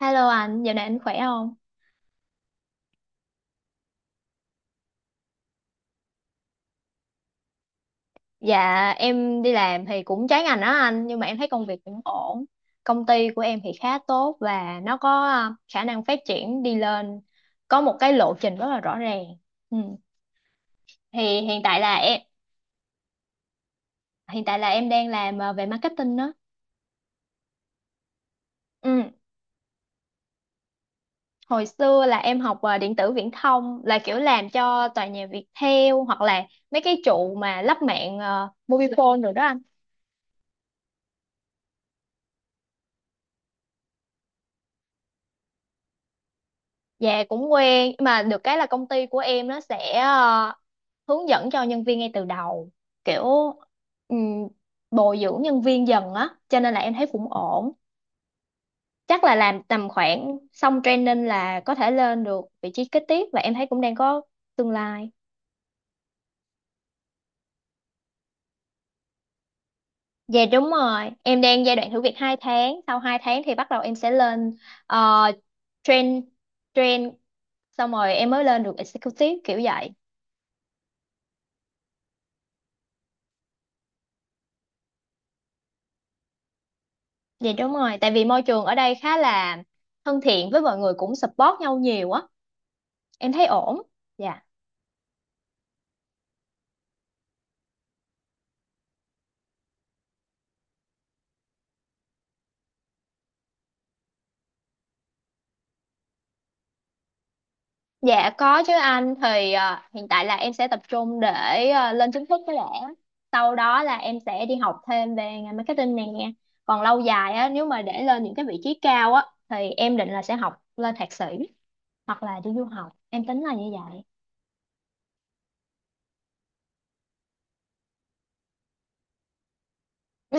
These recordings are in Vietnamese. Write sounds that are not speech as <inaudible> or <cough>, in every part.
Hello anh, dạo này anh khỏe không? Dạ, em đi làm thì cũng trái ngành đó anh. Nhưng mà em thấy công việc cũng ổn. Công ty của em thì khá tốt. Và nó có khả năng phát triển đi lên. Có một cái lộ trình rất là rõ ràng. Ừ. Thì hiện tại là em Hiện tại là em đang làm về marketing đó. Ừ. Hồi xưa là em học điện tử viễn thông. Là kiểu làm cho tòa nhà Viettel. Hoặc là mấy cái trụ mà lắp mạng mobile phone rồi đó anh. Dạ, cũng quen. Nhưng mà được cái là công ty của em nó sẽ hướng dẫn cho nhân viên ngay từ đầu, kiểu ừm, bồi dưỡng nhân viên dần á, cho nên là em thấy cũng ổn. Chắc là làm tầm khoảng xong training là có thể lên được vị trí kế tiếp, và em thấy cũng đang có tương lai. Dạ đúng rồi, em đang giai đoạn thử việc 2 tháng. Sau 2 tháng thì bắt đầu em sẽ lên uh, train train xong rồi em mới lên được executive kiểu vậy. Dạ đúng rồi, tại vì môi trường ở đây khá là thân thiện, với mọi người cũng support nhau nhiều á, em thấy ổn. Dạ. Dạ có chứ anh, thì hiện tại là em sẽ tập trung để lên chính thức cái lẽ. Sau đó là em sẽ đi học thêm về ngành marketing nè. Còn lâu dài á, nếu mà để lên những cái vị trí cao á thì em định là sẽ học lên thạc sĩ hoặc là đi du học. Em tính là như vậy. Ừ.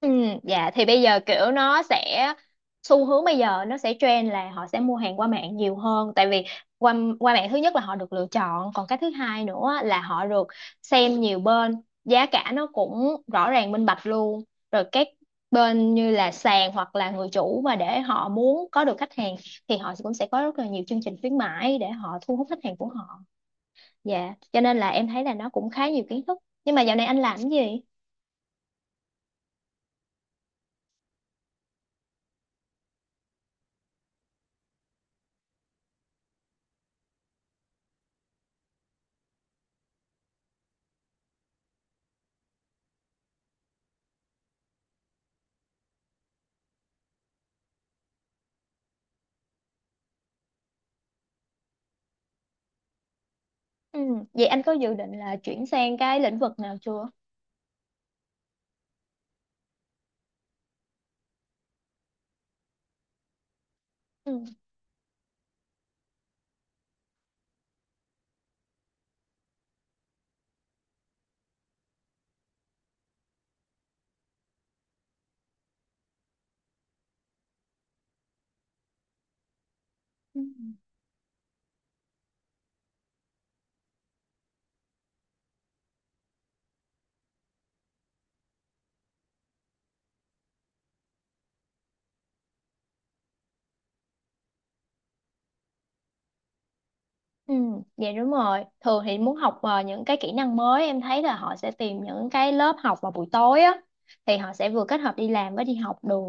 Ừ, dạ thì bây giờ kiểu nó sẽ xu hướng, bây giờ nó sẽ trend là họ sẽ mua hàng qua mạng nhiều hơn, tại vì qua qua mạng thứ nhất là họ được lựa chọn, còn cái thứ hai nữa là họ được xem nhiều bên, giá cả nó cũng rõ ràng minh bạch luôn. Rồi các bên như là sàn hoặc là người chủ mà để họ muốn có được khách hàng thì họ cũng sẽ có rất là nhiều chương trình khuyến mãi để họ thu hút khách hàng của họ. Dạ cho nên là em thấy là nó cũng khá nhiều kiến thức. Nhưng mà dạo này anh làm cái gì? Ừ. Vậy anh có dự định là chuyển sang cái lĩnh vực nào chưa? Ừ. Ừ. Ừ, dạ đúng rồi. Thường thì muốn học những cái kỹ năng mới, em thấy là họ sẽ tìm những cái lớp học vào buổi tối á, thì họ sẽ vừa kết hợp đi làm với đi học được.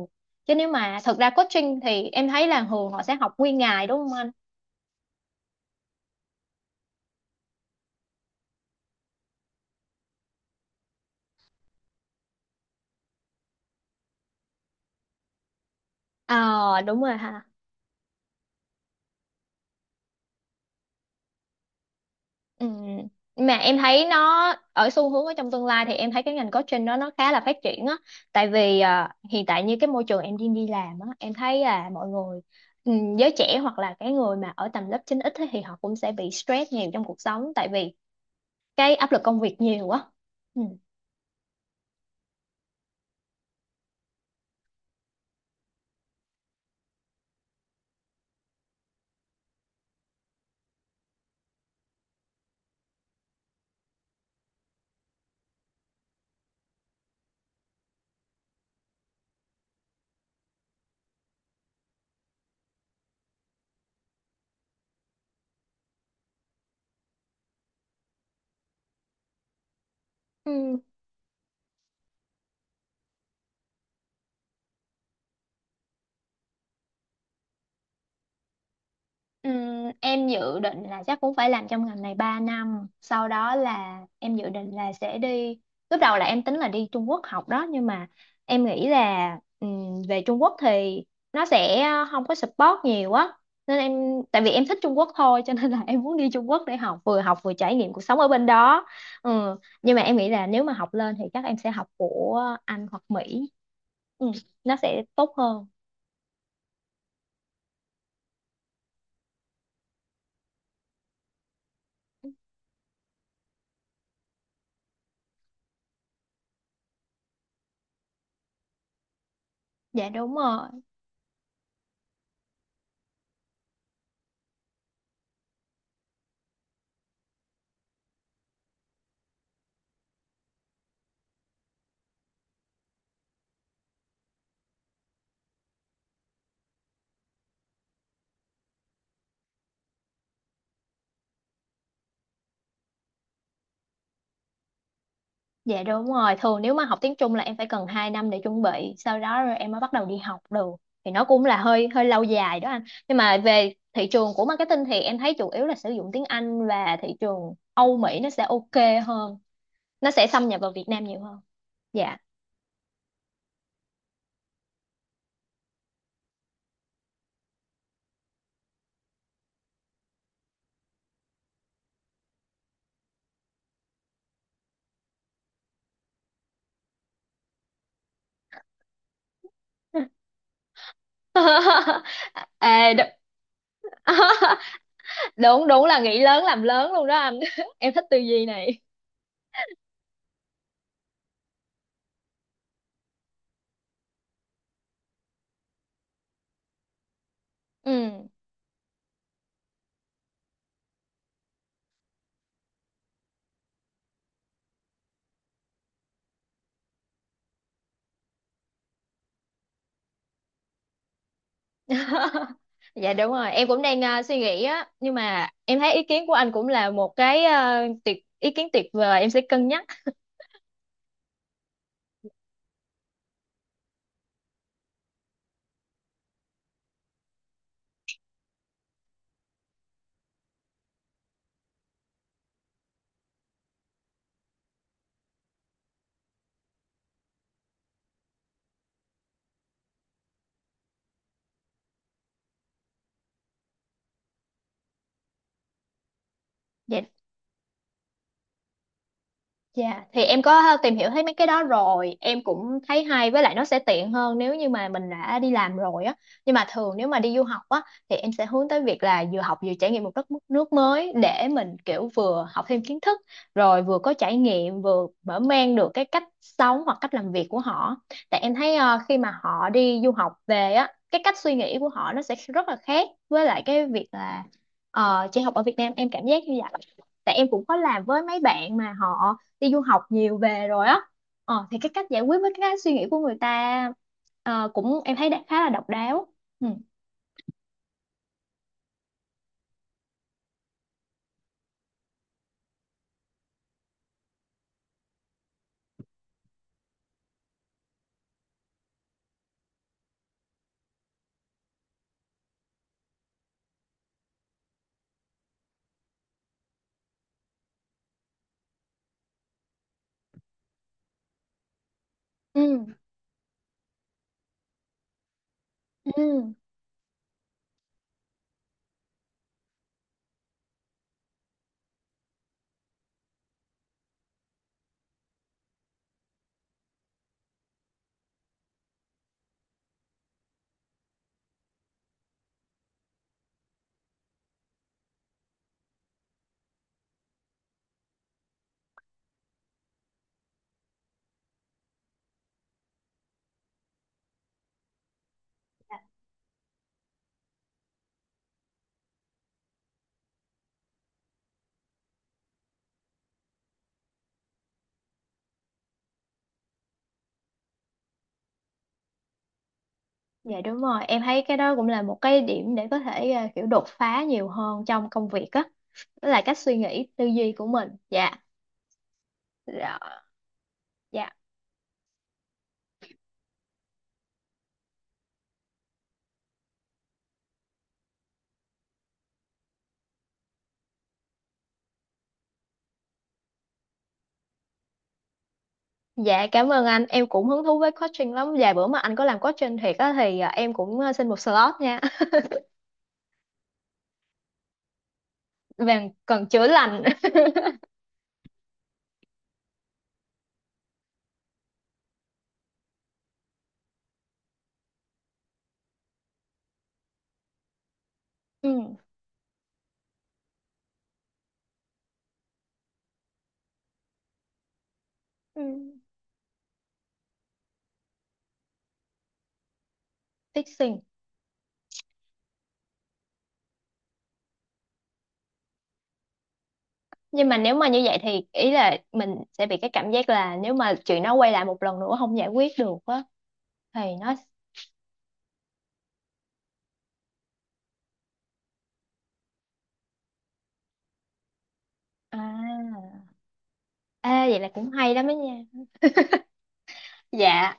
Chứ nếu mà thật ra coaching thì em thấy là thường họ sẽ học nguyên ngày đúng không anh? Ờ đúng rồi ha. Ừ. Mà em thấy nó ở xu hướng ở trong tương lai thì em thấy cái ngành coaching đó nó khá là phát triển á, tại vì hiện tại như cái môi trường em đi đi làm á, em thấy là mọi người, ừ, giới trẻ hoặc là cái người mà ở tầm lớp 9x ấy thì họ cũng sẽ bị stress nhiều trong cuộc sống, tại vì cái áp lực công việc nhiều quá. Ừ. Ừm, em dự định là chắc cũng phải làm trong ngành này 3 năm, sau đó là em dự định là sẽ đi. Lúc đầu là em tính là đi Trung Quốc học đó, nhưng mà em nghĩ là về Trung Quốc thì nó sẽ không có support nhiều á, nên em, tại vì em thích Trung Quốc thôi cho nên là <laughs> em muốn đi Trung Quốc để học, vừa học vừa trải nghiệm cuộc sống ở bên đó. Ừ. Nhưng mà em nghĩ là nếu mà học lên thì chắc em sẽ học của Anh hoặc Mỹ. Ừ. Nó sẽ tốt hơn. Dạ đúng rồi. Dạ đúng rồi, thường nếu mà học tiếng Trung là em phải cần 2 năm để chuẩn bị, sau đó rồi em mới bắt đầu đi học được. Thì nó cũng là hơi hơi lâu dài đó anh. Nhưng mà về thị trường của marketing thì em thấy chủ yếu là sử dụng tiếng Anh, và thị trường Âu Mỹ nó sẽ ok hơn. Nó sẽ xâm nhập vào Việt Nam nhiều hơn. Dạ. <laughs> à, đ- <laughs> đúng đúng là nghĩ lớn làm lớn luôn đó anh. <laughs> Em thích tư duy này. Ừ. <laughs> dạ đúng rồi, em cũng đang suy nghĩ á, nhưng mà em thấy ý kiến của anh cũng là một cái à, tuyệt ý kiến tuyệt vời, em sẽ cân nhắc. Dạ. Dạ, thì em có tìm hiểu thấy mấy cái đó rồi, em cũng thấy hay, với lại nó sẽ tiện hơn nếu như mà mình đã đi làm rồi á. Nhưng mà thường nếu mà đi du học á thì em sẽ hướng tới việc là vừa học vừa trải nghiệm một đất nước mới, để mình kiểu vừa học thêm kiến thức, rồi vừa có trải nghiệm, vừa mở mang được cái cách sống hoặc cách làm việc của họ. Tại em thấy khi mà họ đi du học về á, cái cách suy nghĩ của họ nó sẽ rất là khác với lại cái việc là chị học ở Việt Nam, em cảm giác như vậy. Tại em cũng có làm với mấy bạn mà họ đi du học nhiều về rồi á, thì cái cách giải quyết với cái suy nghĩ của người ta, cũng em thấy đã khá là độc đáo. Ừ. Ừ. Ừ. Dạ đúng rồi, em thấy cái đó cũng là một cái điểm để có thể kiểu đột phá nhiều hơn trong công việc á. Đó là cách suy nghĩ tư duy của mình. Dạ. Dạ. Dạ. Dạ cảm ơn anh, em cũng hứng thú với coaching lắm. Vài bữa mà anh có làm coaching thiệt á thì em cũng xin một slot nha. <laughs> Vàng cần chữa lành. <laughs> Ừ. Ừ. Fixing. Nhưng mà nếu mà như vậy thì ý là mình sẽ bị cái cảm giác là nếu mà chuyện nó quay lại một lần nữa không giải quyết được á, thì nó. À. Ê, vậy là cũng hay lắm đó nha. Dạ.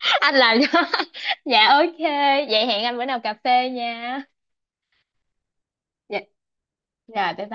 Anh làm cho. <laughs> Dạ ok. Vậy hẹn anh bữa nào cà phê nha. Dạ. Rồi bye bye.